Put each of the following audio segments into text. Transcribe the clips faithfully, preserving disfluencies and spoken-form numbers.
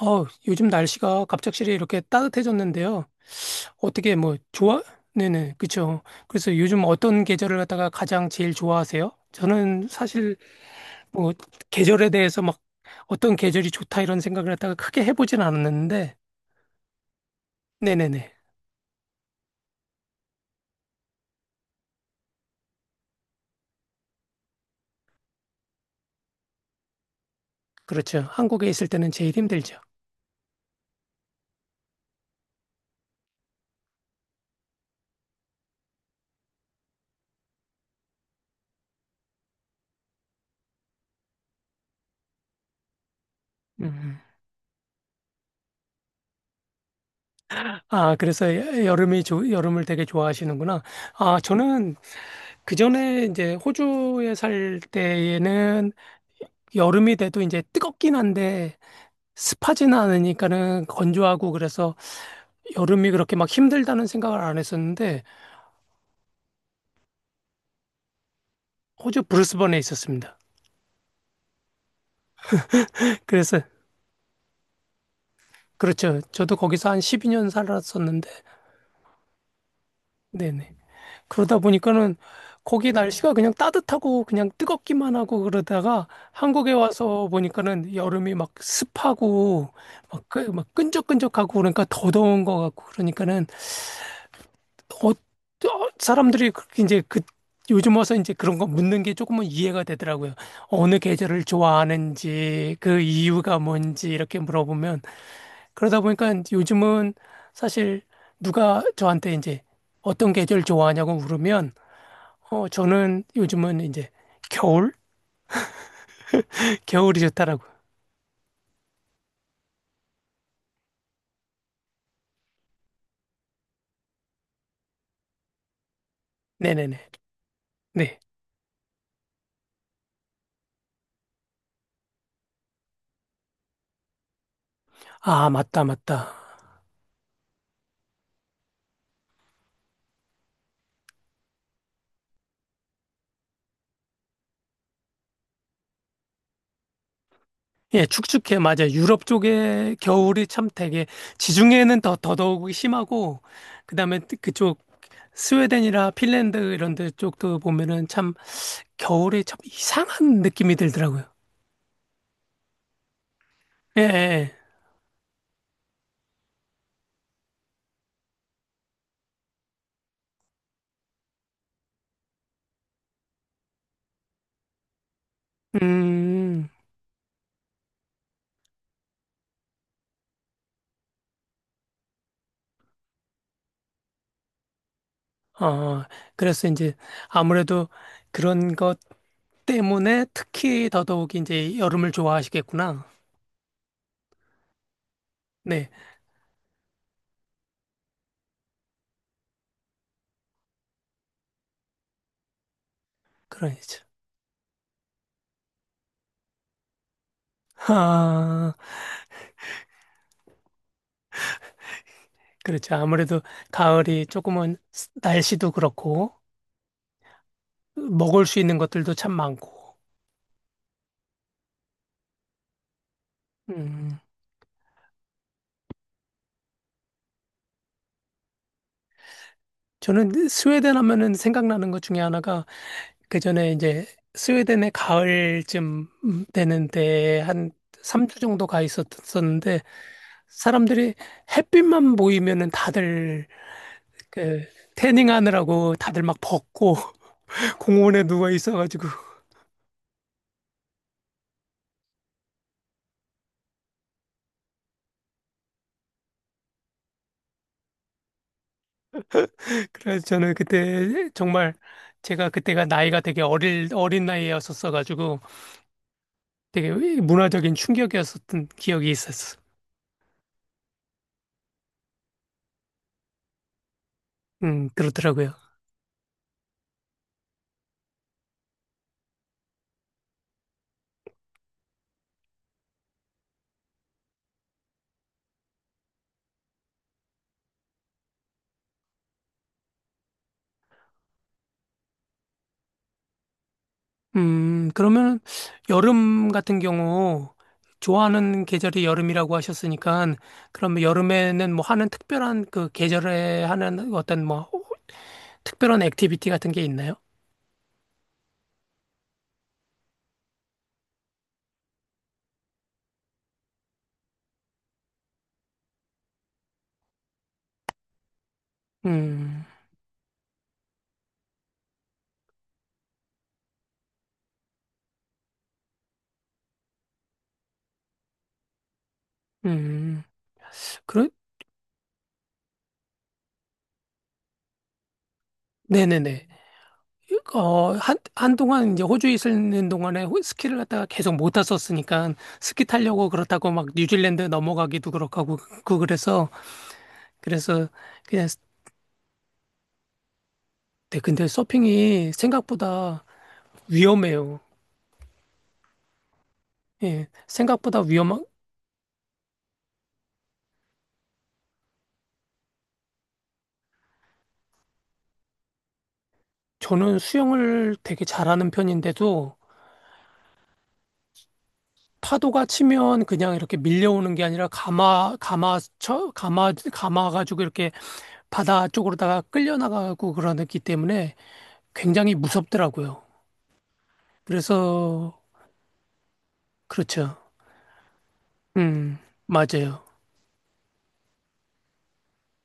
어, 요즘 날씨가 갑작스레 이렇게 따뜻해졌는데요. 어떻게 뭐 좋아? 네네, 그쵸. 그래서 요즘 어떤 계절을 갖다가 가장 제일 좋아하세요? 저는 사실 뭐 계절에 대해서 막 어떤 계절이 좋다 이런 생각을 갖다가 크게 해보진 않았는데, 네네네. 그렇죠. 한국에 있을 때는 제일 힘들죠. 음. 아, 그래서 여- 여름이 좋 여름을 되게 좋아하시는구나. 아, 저는 그 전에 이제 호주에 살 때에는 여름이 돼도 이제 뜨겁긴 한데 습하지는 않으니까는 건조하고 그래서 여름이 그렇게 막 힘들다는 생각을 안 했었는데 호주 브리스번에 있었습니다. 그래서 그렇죠. 저도 거기서 한 십이 년 살았었는데 네네. 그러다 보니까는 거기 날씨가 그냥 따뜻하고 그냥 뜨겁기만 하고 그러다가 한국에 와서 보니까는 여름이 막 습하고 막, 끈- 막 끈적끈적하고 그러니까 더 더운 것 같고 그러니까는 어, 어, 사람들이 그렇게 이제 그 요즘 와서 이제 그런 거 묻는 게 조금은 이해가 되더라고요. 어느 계절을 좋아하는지 그 이유가 뭔지 이렇게 물어보면 그러다 보니까 요즘은 사실 누가 저한테 이제 어떤 계절 좋아하냐고 물으면 어 저는 요즘은 이제 겨울 겨울이 좋다라고. 네네네. 네. 아 맞다 맞다. 예, 축축해, 맞아요. 유럽 쪽에 겨울이 참 되게, 지중해는 더, 더더욱 심하고, 그 다음에 그쪽 스웨덴이라 핀란드 이런 데 쪽도 보면은 참 겨울에 참 이상한 느낌이 들더라고요. 예, 예. 예. 음, 어, 그래서 이제 아무래도 그런 것 때문에 특히 더더욱 이제 여름을 좋아하시겠구나. 네, 그러죠. 아, 그렇죠. 아무래도 가을이 조금은 날씨도 그렇고, 먹을 수 있는 것들도 참 많고. 음. 저는 스웨덴 하면은 생각나는 것 중에 하나가 그 전에 이제 스웨덴의 가을쯤 되는데 한 삼 주 정도 가 있었었는데 사람들이 햇빛만 보이면은 다들 그 태닝하느라고 다들 막 벗고 공원에 누워 있어가지고 그래서 저는 그때 정말 제가 그때가 나이가 되게 어릴 어린 나이였었어가지고 되게 문화적인 충격이었었던 기억이 있었어. 음, 그렇더라고요. 음, 그러면 여름 같은 경우 좋아하는 계절이 여름이라고 하셨으니까 그러면 여름에는 뭐 하는 특별한 그 계절에 하는 어떤 뭐 특별한 액티비티 같은 게 있나요? 음, 음, 그래? 네네네. 어, 한, 한동안 이제 호주에 있는 동안에 호- 스키를 갖다가 계속 못 탔었으니까 스키 타려고 그렇다고 막 뉴질랜드 넘어가기도 그렇고 하고 그 그래서 그래서 그냥 네, 근데 서핑이 생각보다 위험해요. 예, 생각보다 위험한, 저는 수영을 되게 잘하는 편인데도 파도가 치면 그냥 이렇게 밀려오는 게 아니라 감아, 감아쳐, 감아, 감아가지고 이렇게 바다 쪽으로다가 끌려나가고 그러기 때문에 굉장히 무섭더라고요. 그래서, 그렇죠. 음, 맞아요.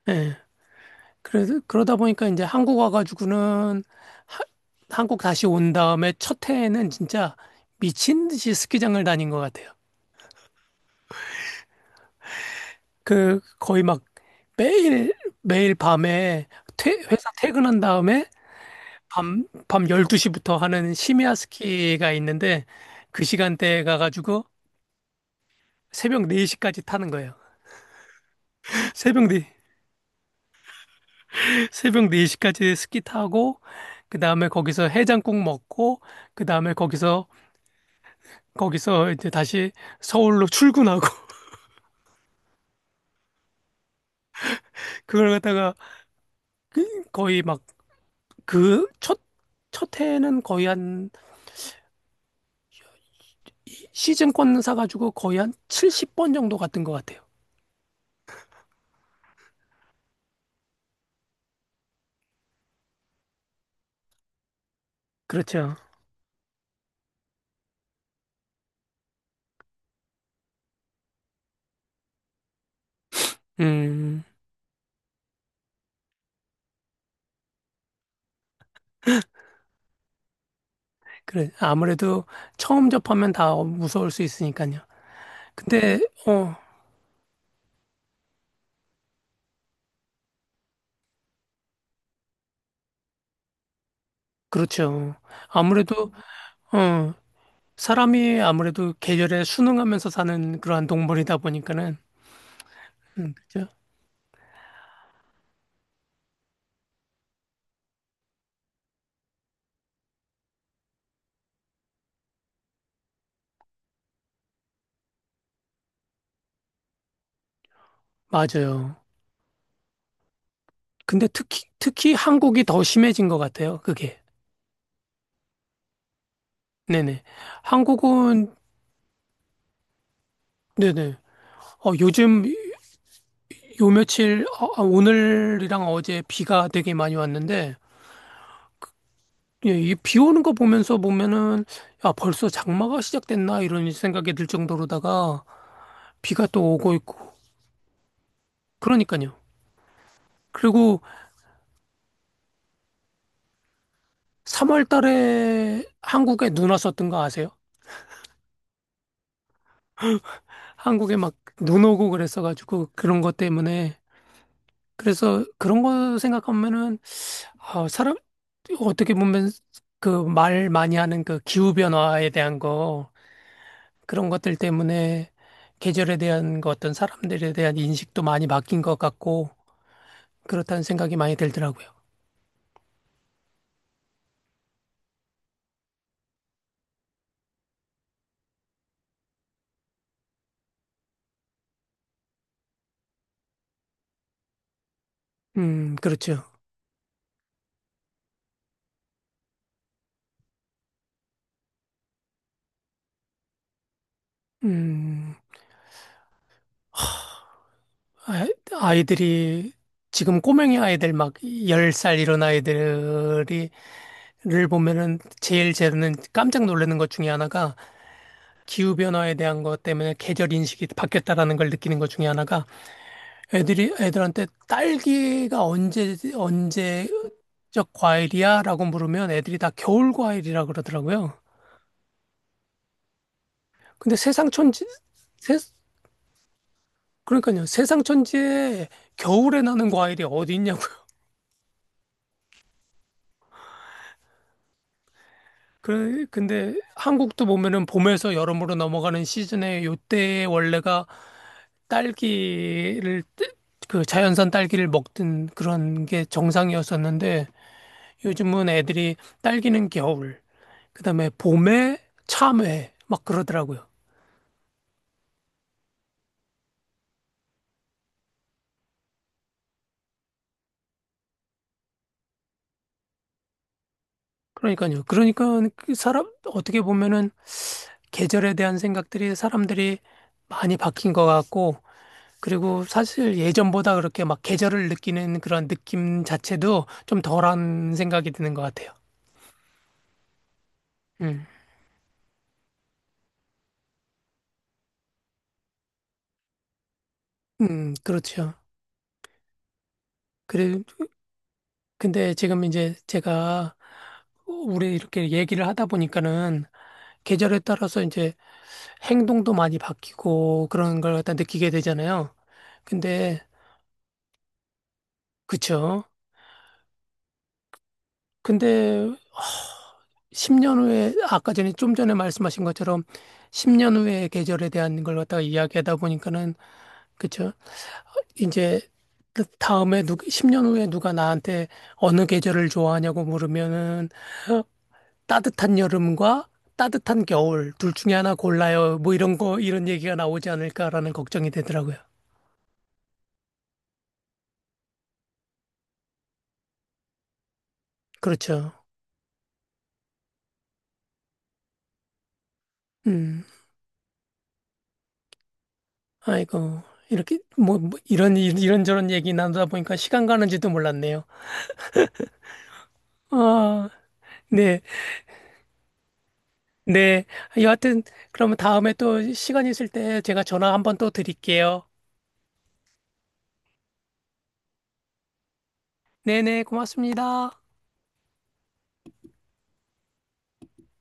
예. 그래서 그러다 보니까 이제 한국 와가지고는 하- 한국 다시 온 다음에 첫 해에는 진짜 미친 듯이 스키장을 다닌 것 같아요. 그 거의 막 매일 매일 밤에 퇴- 회사 퇴근한 다음에 밤, 밤 열두 시부터 하는 심야 스키가 있는데 그 시간대에 가가지고 새벽 네 시까지 타는 거예요. 새벽 네 새벽 네 시까지 스키 타고 그 다음에 거기서 해장국 먹고 그 다음에 거기서 거기서 이제 다시 서울로 출근하고 그걸 갖다가 그- 거의 막 그 첫, 첫 해에는 거의 한 이- 시즌권 사가지고 거의 한 칠십 번 정도 갔던 것 같아요. 그렇죠. 음, 그래. 아무래도 처음 접하면 다 무서울 수 있으니까요. 근데, 어, 그렇죠. 아무래도, 어, 사람이 아무래도 계절에 순응하면서 사는 그러한 동물이다 보니까는, 음, 그죠? 맞아요. 근데 특히, 특히 한국이 더 심해진 것 같아요, 그게. 네네. 한국은, 네네. 어, 요즘, 요 며칠, 어, 아, 오늘이랑 어제 비가 되게 많이 왔는데, 예, 이비 오는 거 보면서 보면은, 야, 벌써 장마가 시작됐나? 이런 생각이 들 정도로다가, 비가 또 오고 있고. 그러니까요. 그리고 삼월 달에 한국에 눈 왔었던 거 아세요? 한국에 막 눈 오고 그랬어가지고, 그런 것 때문에. 그래서 그런 거 생각하면은, 아, 사람, 어떻게 보면 그 말 많이 하는 그 기후변화에 대한 거, 그런 것들 때문에 계절에 대한 거 어떤 사람들에 대한 인식도 많이 바뀐 것 같고, 그렇다는 생각이 많이 들더라고요. 음, 그렇죠. 음, 아- 아이들이, 지금 꼬맹이 아이들 막 열 살 이런 아이들이, 를 보면은 제일 저는 깜짝 놀라는 것 중에 하나가 기후변화에 대한 것 때문에 계절 인식이 바뀌었다라는 걸 느끼는 것 중에 하나가 애들이 애들한테 딸기가 언제 언제 적 과일이야라고 물으면 애들이 다 겨울 과일이라 그러더라고요. 근데 세상 천지 세, 그러니까요. 세상 천지에 겨울에 나는 과일이 어디 있냐고. 그 근데 한국도 보면은 봄에서 여름으로 넘어가는 시즌에 요때 원래가 딸기를 뜨- 그 자연산 딸기를 먹던 그런 게 정상이었었는데 요즘은 애들이 딸기는 겨울 그다음에 봄에 참외 막 그러더라고요. 그러니까요. 그러니까 그 사람 어떻게 보면은 계절에 대한 생각들이 사람들이 많이 바뀐 것 같고 그리고 사실 예전보다 그렇게 막 계절을 느끼는 그런 느낌 자체도 좀 덜한 생각이 드는 것 같아요. 음, 음, 그렇죠. 그래, 근데 지금 이제 제가 우리 이렇게 얘기를 하다 보니까는 계절에 따라서 이제 행동도 많이 바뀌고 그런 걸 갖다 느끼게 되잖아요. 근데 그쵸? 근데 십 년 후에 아까 전에 좀 전에 말씀하신 것처럼 십 년 후의 계절에 대한 걸 갖다가 이야기하다 보니까는 그쵸? 이제 그 다음에 누 십 년 후에 누가 나한테 어느 계절을 좋아하냐고 물으면은 따뜻한 여름과 따뜻한 겨울 둘 중에 하나 골라요. 뭐 이런 거 이런 얘기가 나오지 않을까라는 걱정이 되더라고요. 그렇죠. 음. 아이고. 이렇게 뭐, 뭐 이런 이- 이런저런 얘기 나누다 보니까 시간 가는지도 몰랐네요. 아, 네, 네. 여하튼, 그러면 다음에 또 시간 있을 때 제가 전화 한번 또 드릴게요. 네네, 고맙습니다.